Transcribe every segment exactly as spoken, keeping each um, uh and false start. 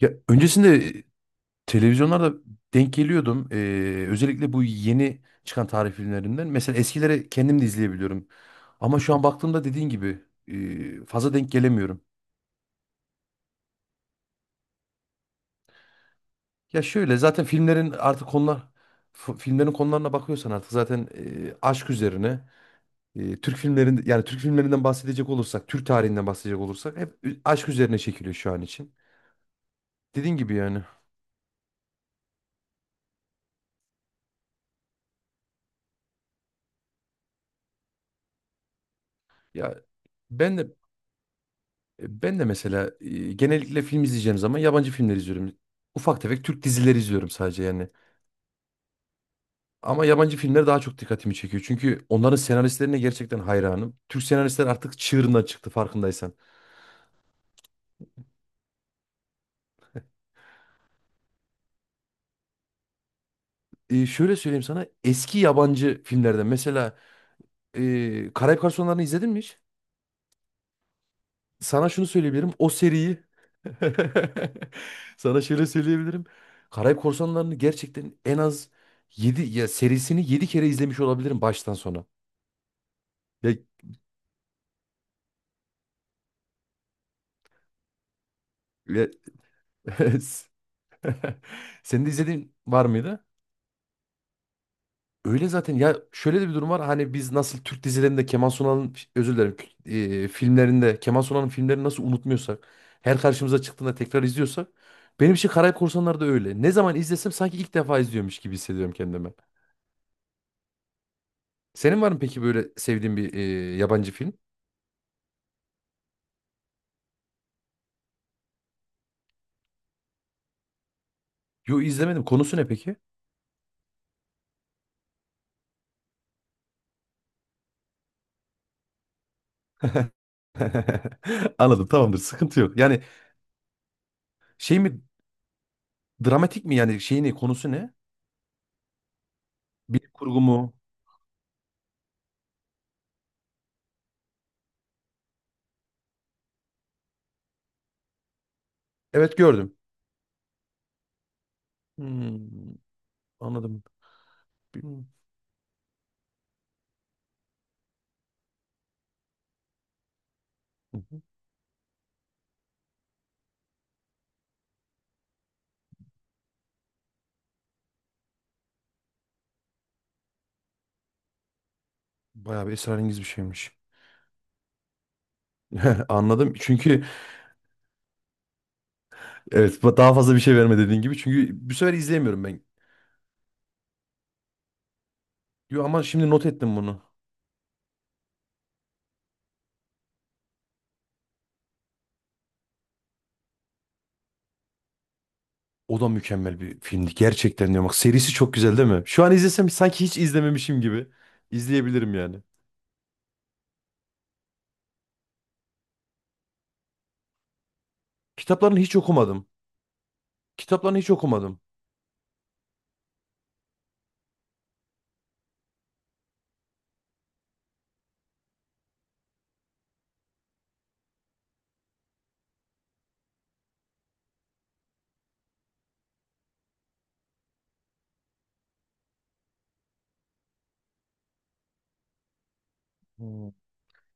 Ya öncesinde e, televizyonlarda denk geliyordum. Ee, özellikle bu yeni çıkan tarih filmlerinden. Mesela eskileri kendim de izleyebiliyorum. Ama şu an baktığımda dediğin gibi e, fazla denk gelemiyorum. Ya şöyle zaten filmlerin artık konular f- filmlerin konularına bakıyorsan artık zaten e, aşk üzerine e, Türk filmlerin yani Türk filmlerinden bahsedecek olursak, Türk tarihinden bahsedecek olursak hep aşk üzerine çekiliyor şu an için. Dediğin gibi yani. Ya ben de E, Ben de mesela e, genellikle film izleyeceğim zaman yabancı filmler izliyorum. Ufak tefek Türk dizileri izliyorum sadece yani. Ama yabancı filmler daha çok dikkatimi çekiyor. Çünkü onların senaristlerine gerçekten hayranım. Türk senaristler artık çığırından çıktı farkındaysan. E, şöyle söyleyeyim sana. Eski yabancı filmlerden mesela e, Karayip Korsanlarını izledin mi hiç? Sana şunu söyleyebilirim o seriyi sana şöyle söyleyebilirim. Karayip Korsanları'nı gerçekten en az yedi, ya serisini yedi kere izlemiş olabilirim baştan sona. Ya, ya Senin de izlediğin var mıydı? Öyle zaten. Ya şöyle de bir durum var. Hani biz nasıl Türk dizilerinde Kemal Sunal'ın özür dilerim e, filmlerinde, Kemal Sunal'ın filmlerini nasıl unutmuyorsak, her karşımıza çıktığında tekrar izliyorsak, benim için Karayip Korsanları da öyle. Ne zaman izlesem sanki ilk defa izliyormuş gibi hissediyorum kendimi. Senin var mı peki böyle sevdiğin bir e, yabancı film? Yo, izlemedim. Konusu ne peki? Anladım, tamamdır, sıkıntı yok. Yani şey mi Dramatik mi yani, şeyini, konusu ne? Bilim kurgu mu? Evet, gördüm. Hmm, anladım. Bir- Hı hı. Bayağı bir esrarengiz bir şeymiş. Anladım. Çünkü evet, ba- daha fazla bir şey verme dediğin gibi. Çünkü bu sefer izleyemiyorum ben. Yo, ama şimdi not ettim bunu. O da mükemmel bir filmdi. Gerçekten diyorum. Bak serisi çok güzel değil mi? Şu an izlesem sanki hiç izlememişim gibi. İzleyebilirim yani. Kitaplarını hiç okumadım. Kitaplarını hiç okumadım. Hmm.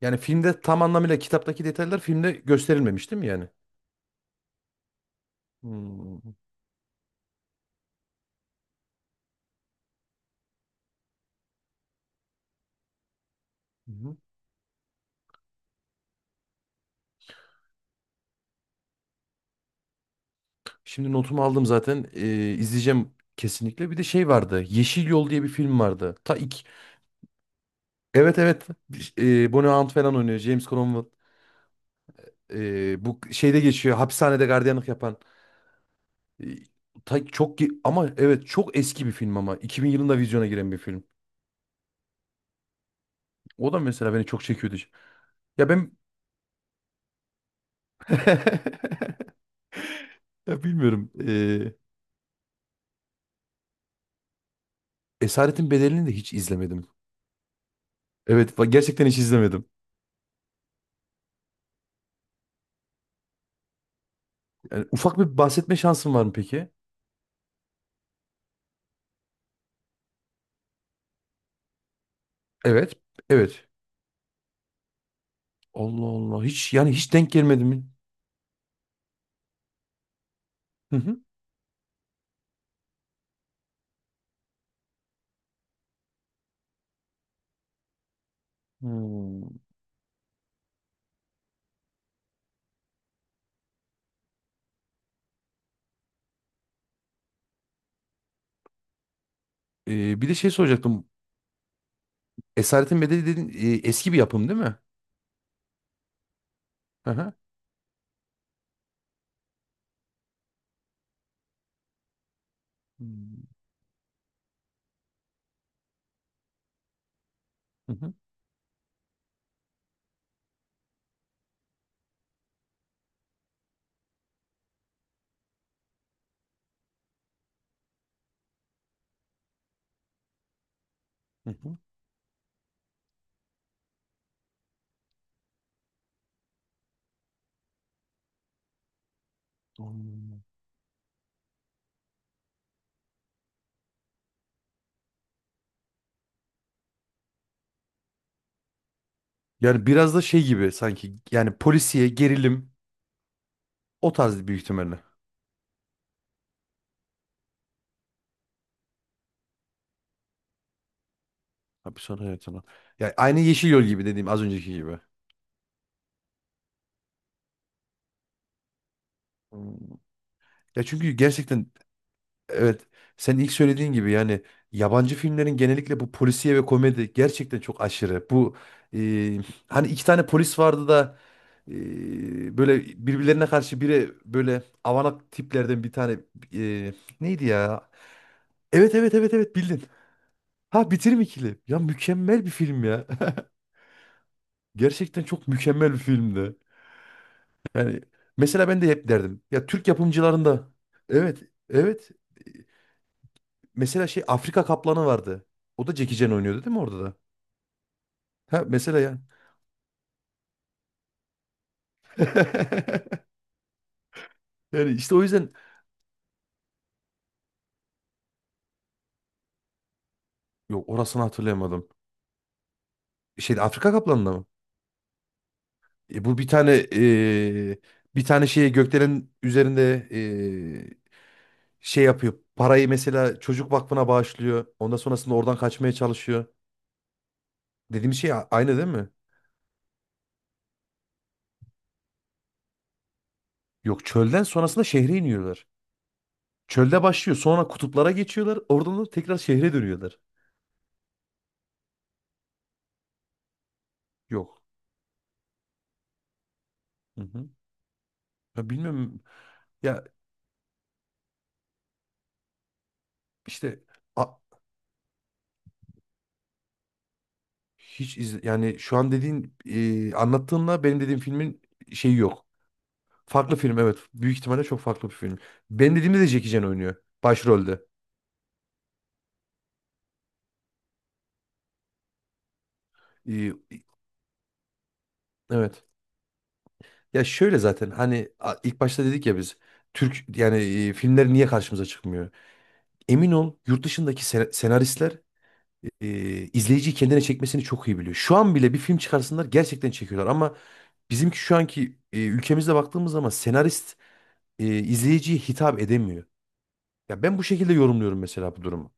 Yani filmde tam anlamıyla kitaptaki detaylar filmde gösterilmemiş değil mi yani? Hmm. Hı hı. Şimdi notumu aldım zaten. Ee, izleyeceğim kesinlikle. Bir de şey vardı. Yeşil Yol diye bir film vardı, ta ilk. Evet evet. Ee, Bonnie Hunt falan oynuyor. James Cromwell. Ee, bu şeyde geçiyor. Hapishanede gardiyanlık yapan. Ee, ta çok ge- ama evet çok eski bir film ama. iki bin yılında vizyona giren bir film. O da mesela beni çok çekiyordu. Ya ben ya bilmiyorum. Ee, Esaretin Bedeli'ni de hiç izlemedim. Evet va- gerçekten hiç izlemedim. Yani ufak bir bahsetme şansın var mı peki? Evet. Evet. Allah Allah. Hiç yani, hiç denk gelmedi mi? Hı hı. Hmm. Ee, bir de şey soracaktım. Esaretin Bedeli dedin, e, eski bir yapım değil mi? Hı hı. Hmm. Hı hı. Hı hı. Anladım. Yani biraz da şey gibi sanki, yani polisiye gerilim, o tarz büyük ihtimalle. Hapishane hayatına. Yani aynı Yeşil Yol gibi, dediğim az önceki gibi. Hmm. Ya çünkü gerçekten evet, sen ilk söylediğin gibi yani yabancı filmlerin genellikle bu polisiye ve komedi gerçekten çok aşırı. Bu e, hani iki tane polis vardı da e, böyle birbirlerine karşı, biri böyle avanak tiplerden, bir tane e, neydi ya? Evet evet evet evet, bildin. Ha, Bitirim ikili. Ya mükemmel bir film ya. Gerçekten çok mükemmel bir filmdi. Yani mesela ben de hep derdim. Ya Türk yapımcılarında. Evet evet. Mesela şey, Afrika Kaplanı vardı. O da Jackie Chan oynuyordu değil mi orada da? Ha mesela yani. Yani işte o yüzden, yok orasını hatırlayamadım. Şeyde, Afrika Kaplanı'nda mı? E, bu bir tane, e, bir tane şeyi, gökdelenin üzerinde e, şey yapıyor. Parayı mesela çocuk vakfına bağışlıyor. Ondan sonrasında oradan kaçmaya çalışıyor. Dediğim şey a- aynı değil mi? Yok, çölden sonrasında şehre iniyorlar. Çölde başlıyor. Sonra kutuplara geçiyorlar. Oradan da tekrar şehre dönüyorlar. Yok. Hı hı. Ya bilmiyorum. Ya İşte a- hiç iz, yani şu an dediğin, e, anlattığınla benim dediğim filmin şeyi yok. Farklı film evet. Büyük ihtimalle çok farklı bir film. Benim dediğimde de Jackie Chan oynuyor başrolde. E, evet. Ya şöyle zaten, hani a- ilk başta dedik ya biz Türk yani, e, filmler niye karşımıza çıkmıyor? Emin ol yurt dışındaki sen- senaristler e, izleyiciyi kendine çekmesini çok iyi biliyor. Şu an bile bir film çıkarsınlar gerçekten çekiyorlar, ama bizimki şu anki, e, ülkemizde baktığımız zaman senarist e, izleyiciye hitap edemiyor. Ya ben bu şekilde yorumluyorum mesela bu durumu.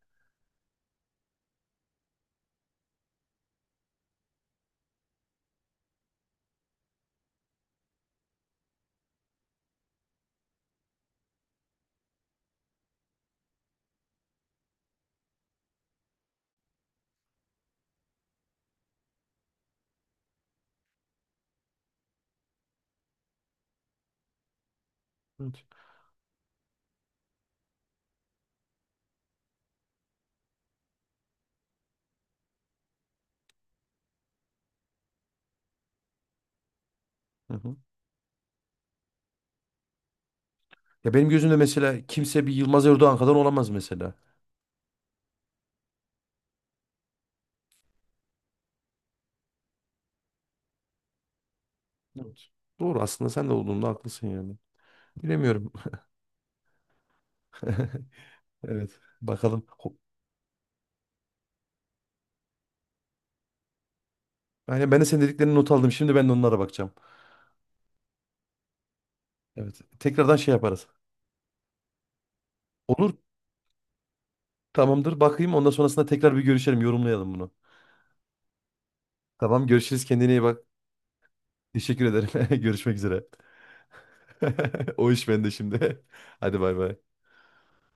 Evet. Hı hı. Ya benim gözümde mesela kimse bir Yılmaz Erdoğan kadar olamaz mesela. Evet. Doğru aslında, sen de olduğunda haklısın yani. Bilemiyorum. Evet. Bakalım. Ho- Yani ben de senin dediklerini not aldım. Şimdi ben de onlara bakacağım. Evet. Tekrardan şey yaparız. Olur. Tamamdır. Bakayım. Ondan sonrasında tekrar bir görüşelim. Yorumlayalım bunu. Tamam. Görüşürüz. Kendine iyi bak. Teşekkür ederim. Görüşmek üzere. O iş bende şimdi. Hadi bay bay.